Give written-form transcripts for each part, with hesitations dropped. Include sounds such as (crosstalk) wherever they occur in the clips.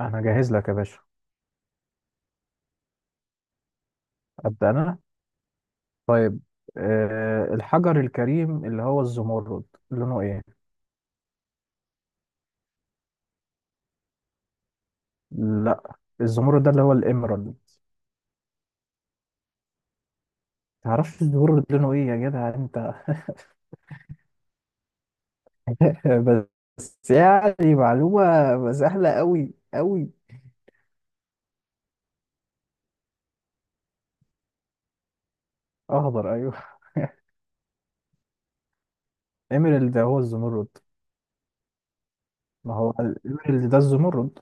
انا جاهز لك يا باشا. ابدا انا. طيب الحجر الكريم اللي هو الزمرد، لونه ايه؟ لا الزمرد ده اللي هو الإمرالد. تعرفش الزمرد لونه ايه يا جدع انت؟ (laughs) بس يعني معلومة سهلة قوي. اخضر ايوه. إمرالد ده هو الزمرد. ما هو الإمرالد ده الزمرد.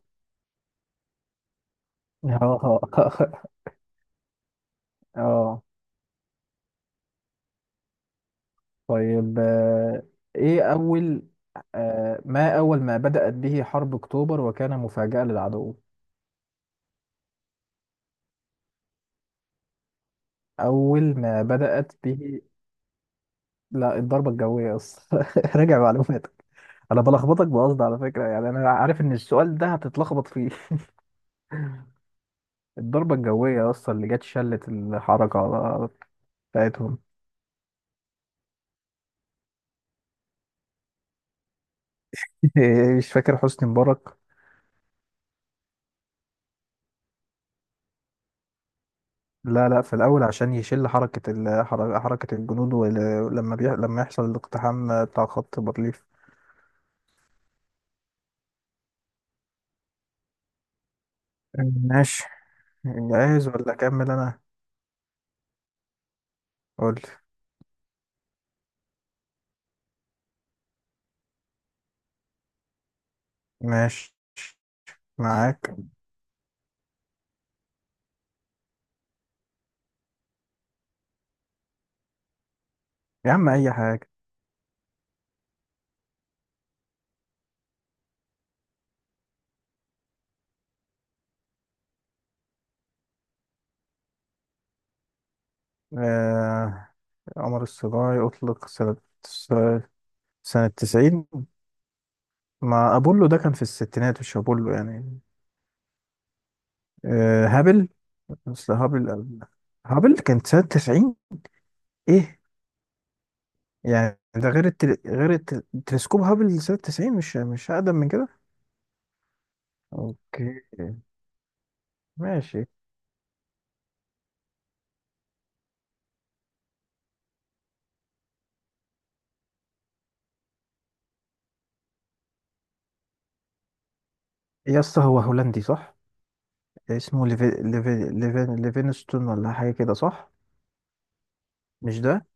اه (laughs) اه طيب ايه اول؟ ما أول ما بدأت به حرب أكتوبر وكان مفاجأة للعدو. أول ما بدأت به لا الضربة الجوية أصلا (laughs) راجع معلوماتك. أنا بلخبطك بقصد على فكرة، يعني أنا عارف إن السؤال ده هتتلخبط فيه (laughs) الضربة الجوية أصلا اللي جت شلت الحركة على- بتاعتهم. (laughs) مش فاكر حسني مبارك. لا في الأول عشان يشل حركة ال- حر- حركة الجنود، ولما بيح... لما يحصل الاقتحام بتاع خط بارليف. ماشي. جاهز ولا أكمل أنا؟ قول. ماشي، معاك. يا عم أي حاجة. آه، عمر السجاي أطلق سنة، سنة 90. مع أبولو ده كان في الستينات، مش أبولو يعني. هابل. أصل هابل. هابل كانت سنة 90. إيه يعني؟ ده غير التل... غير التل... تلسكوب هابل سنة 90، مش مش أقدم من كده. أوكي ماشي. يا اسطى هو هولندي صح؟ اسمه ليفي... ليفي... ليفين... ليفينستون ولا حاجة كده صح؟ مش ده.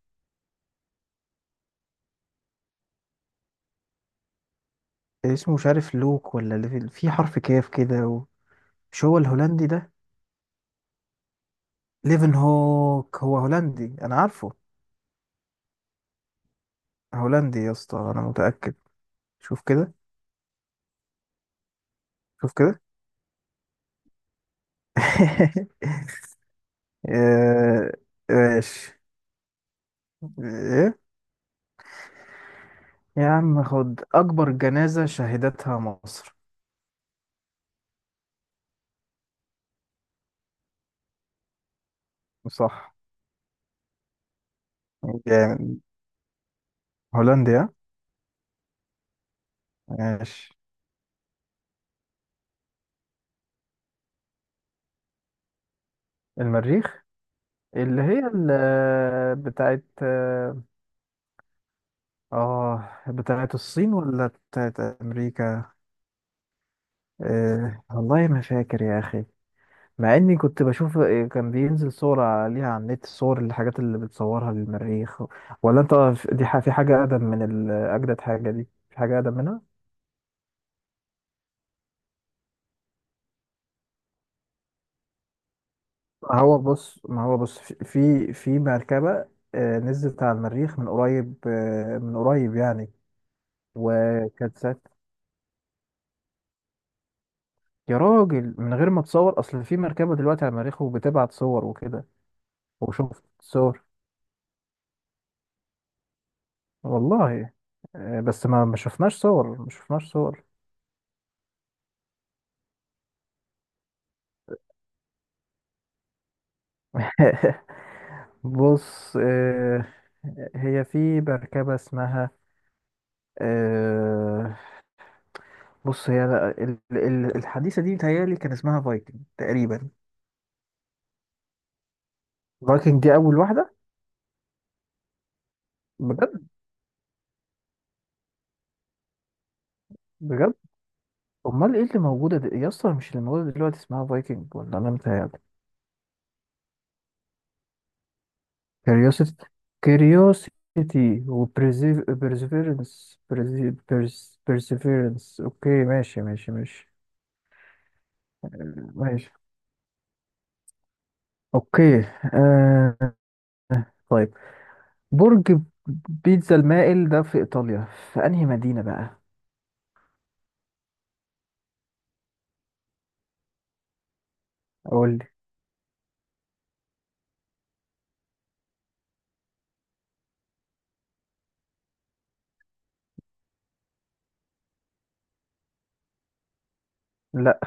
اسمه مش عارف، لوك ولا ليفي... في حرف كاف كده و... مش هو الهولندي ده؟ ليفن هوك هو هولندي انا عارفه. هولندي يا اسطى انا متأكد. شوف كده. شوف كده. (laughs) آه، ماشي. ايه؟ يا عم خد، اكبر جنازة شهدتها مصر. صح. جامد. هولنديا. ماشي. المريخ. اللي هي ال- بتاعت اه، بتاعت الصين ولا بتاعت امريكا؟ والله ما فاكر يا اخي. مع اني كنت بشوف، كان بينزل صور عليها على النت، الصور الحاجات اللي بتصورها للمريخ. ولا انت؟ دي ح- في حاجة اقدم من ال- اجدد حاجة، دي في حاجة اقدم منها. ما هو بص في مركبة نزلت على المريخ من قريب، من قريب يعني. وكانت سات. يا راجل من غير ما تصور، اصل في مركبة دلوقتي على المريخ وبتبعت صور وكده، وشفت صور. والله بس ما شفناش صور، ما شفناش صور. (laughs) بص هي في مركبة اسمها آه، بص، هي ال- ال- الحديثة دي متهيألي كان اسمها فايكنج تقريبا. فايكنج دي أول واحدة. بجد؟ بجد؟ أمال إيه اللي موجودة دي يا اسطى؟ مش اللي موجودة دلوقتي اسمها فايكنج ولا أنا متهيألي. كيوريوسيتي. كيوريوسيتي. وبرزيفيرنس. برزيفيرنس. أوكي ماشي ماشي. آه، ماشي. أوكي آه، طيب، برج بيتزا المائل ده في إيطاليا، في أنهي مدينة بقى؟ قول لي. لا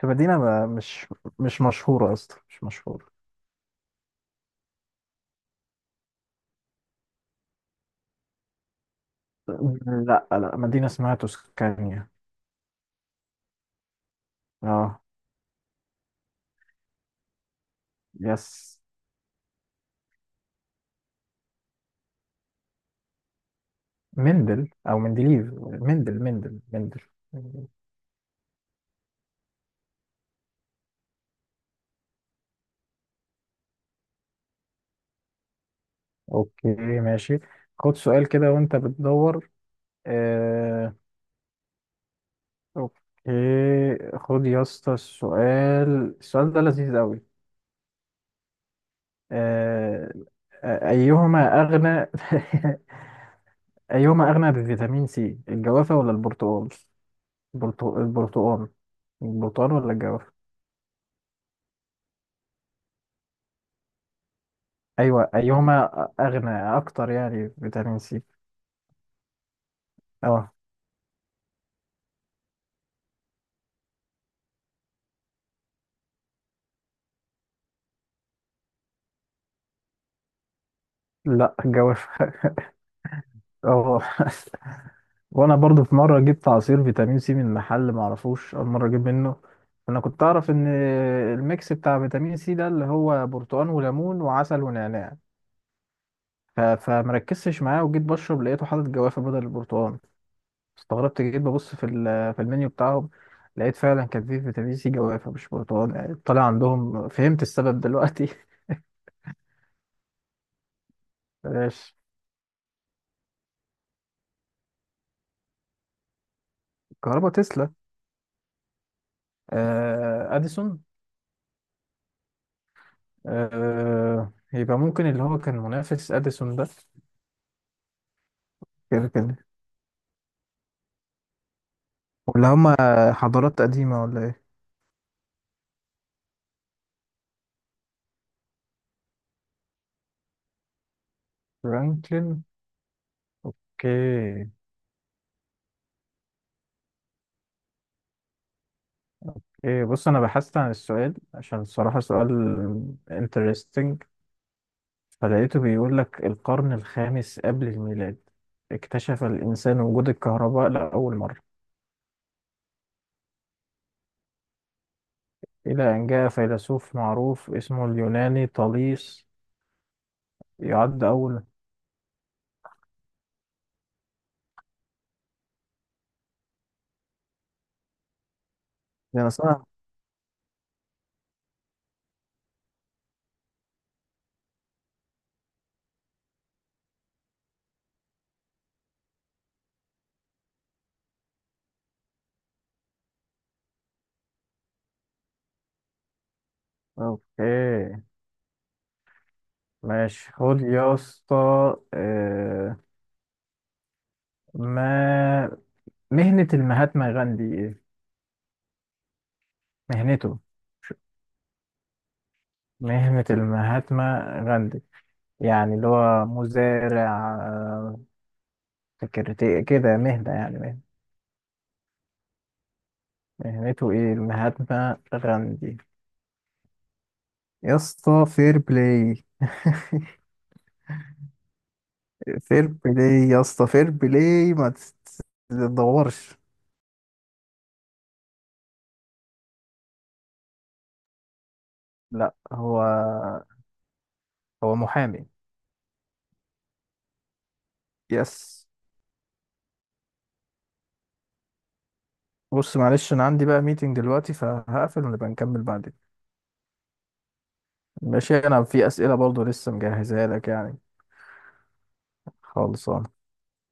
في مدينة ما- مش، مش مشهورة أصلا، مش مشهورة. لا مدينة اسمها توسكانيا. اه. يس. مندل أو مندليف، مندل مندل. أوكي ماشي. خد سؤال كده وأنت بتدور. آه. أوكي. خد يا اسطى السؤال، السؤال ده لذيذ أوي. آه، أيهما أغنى؟ (laughs) أيهما أغنى بفيتامين سي، الجوافة ولا البرتقال؟ البرتق- البرتقال. البرتقال ولا الجوافة؟ أيوة أيهما أغنى أكتر يعني فيتامين سي؟ أه لا الجوافة. (laughs) أه. وأنا برضو في مرة جبت عصير فيتامين سي من محل معرفوش، أول مرة أجيب منه. أنا كنت أعرف إن الميكس بتاع فيتامين سي ده اللي هو برتقال وليمون وعسل ونعناع. ف- فمركزتش معاه، وجيت بشرب لقيته حاطط جوافة بدل البرتقال. استغربت، جيت ببص في ال- في المنيو بتاعهم، لقيت فعلا كان فيه فيتامين سي جوافة مش برتقال، يعني طالع عندهم. فهمت السبب دلوقتي (laughs) بلاش. كهربا، تسلا. آه اديسون. آه يبقى ممكن اللي هو كان منافس اديسون ده. كده كده. ولا هما حضارات قديمة ولا ايه؟ فرانكلين. اوكي. ايه بص، انا بحثت عن السؤال عشان الصراحة سؤال interesting، فلقيته بيقول لك القرن الخامس قبل الميلاد اكتشف الإنسان وجود الكهرباء لأول مرة، إلى أن جاء فيلسوف معروف اسمه اليوناني طاليس يعد أول. ده انا صح. أوكي ماشي. خد يا اسطى آه، ما مهنة المهاتما غاندي إيه؟ مهنته ش- مهنة المهاتما غاندي، يعني اللي هو مزارع، سكرتير كده، مهنة يعني مهنة. مهنته ايه المهاتما غاندي؟ يا اسطى فير بلاي. (laughs) فير بلاي يا اسطى فير بلاي، ما تت- تدورش. لا هو، هو محامي. يس. بص معلش انا عندي بقى ميتنج دلوقتي، فهقفل ونبقى نكمل بعدين. ماشي. انا في اسئله برضو لسه مجهزها لك يعني. خالص.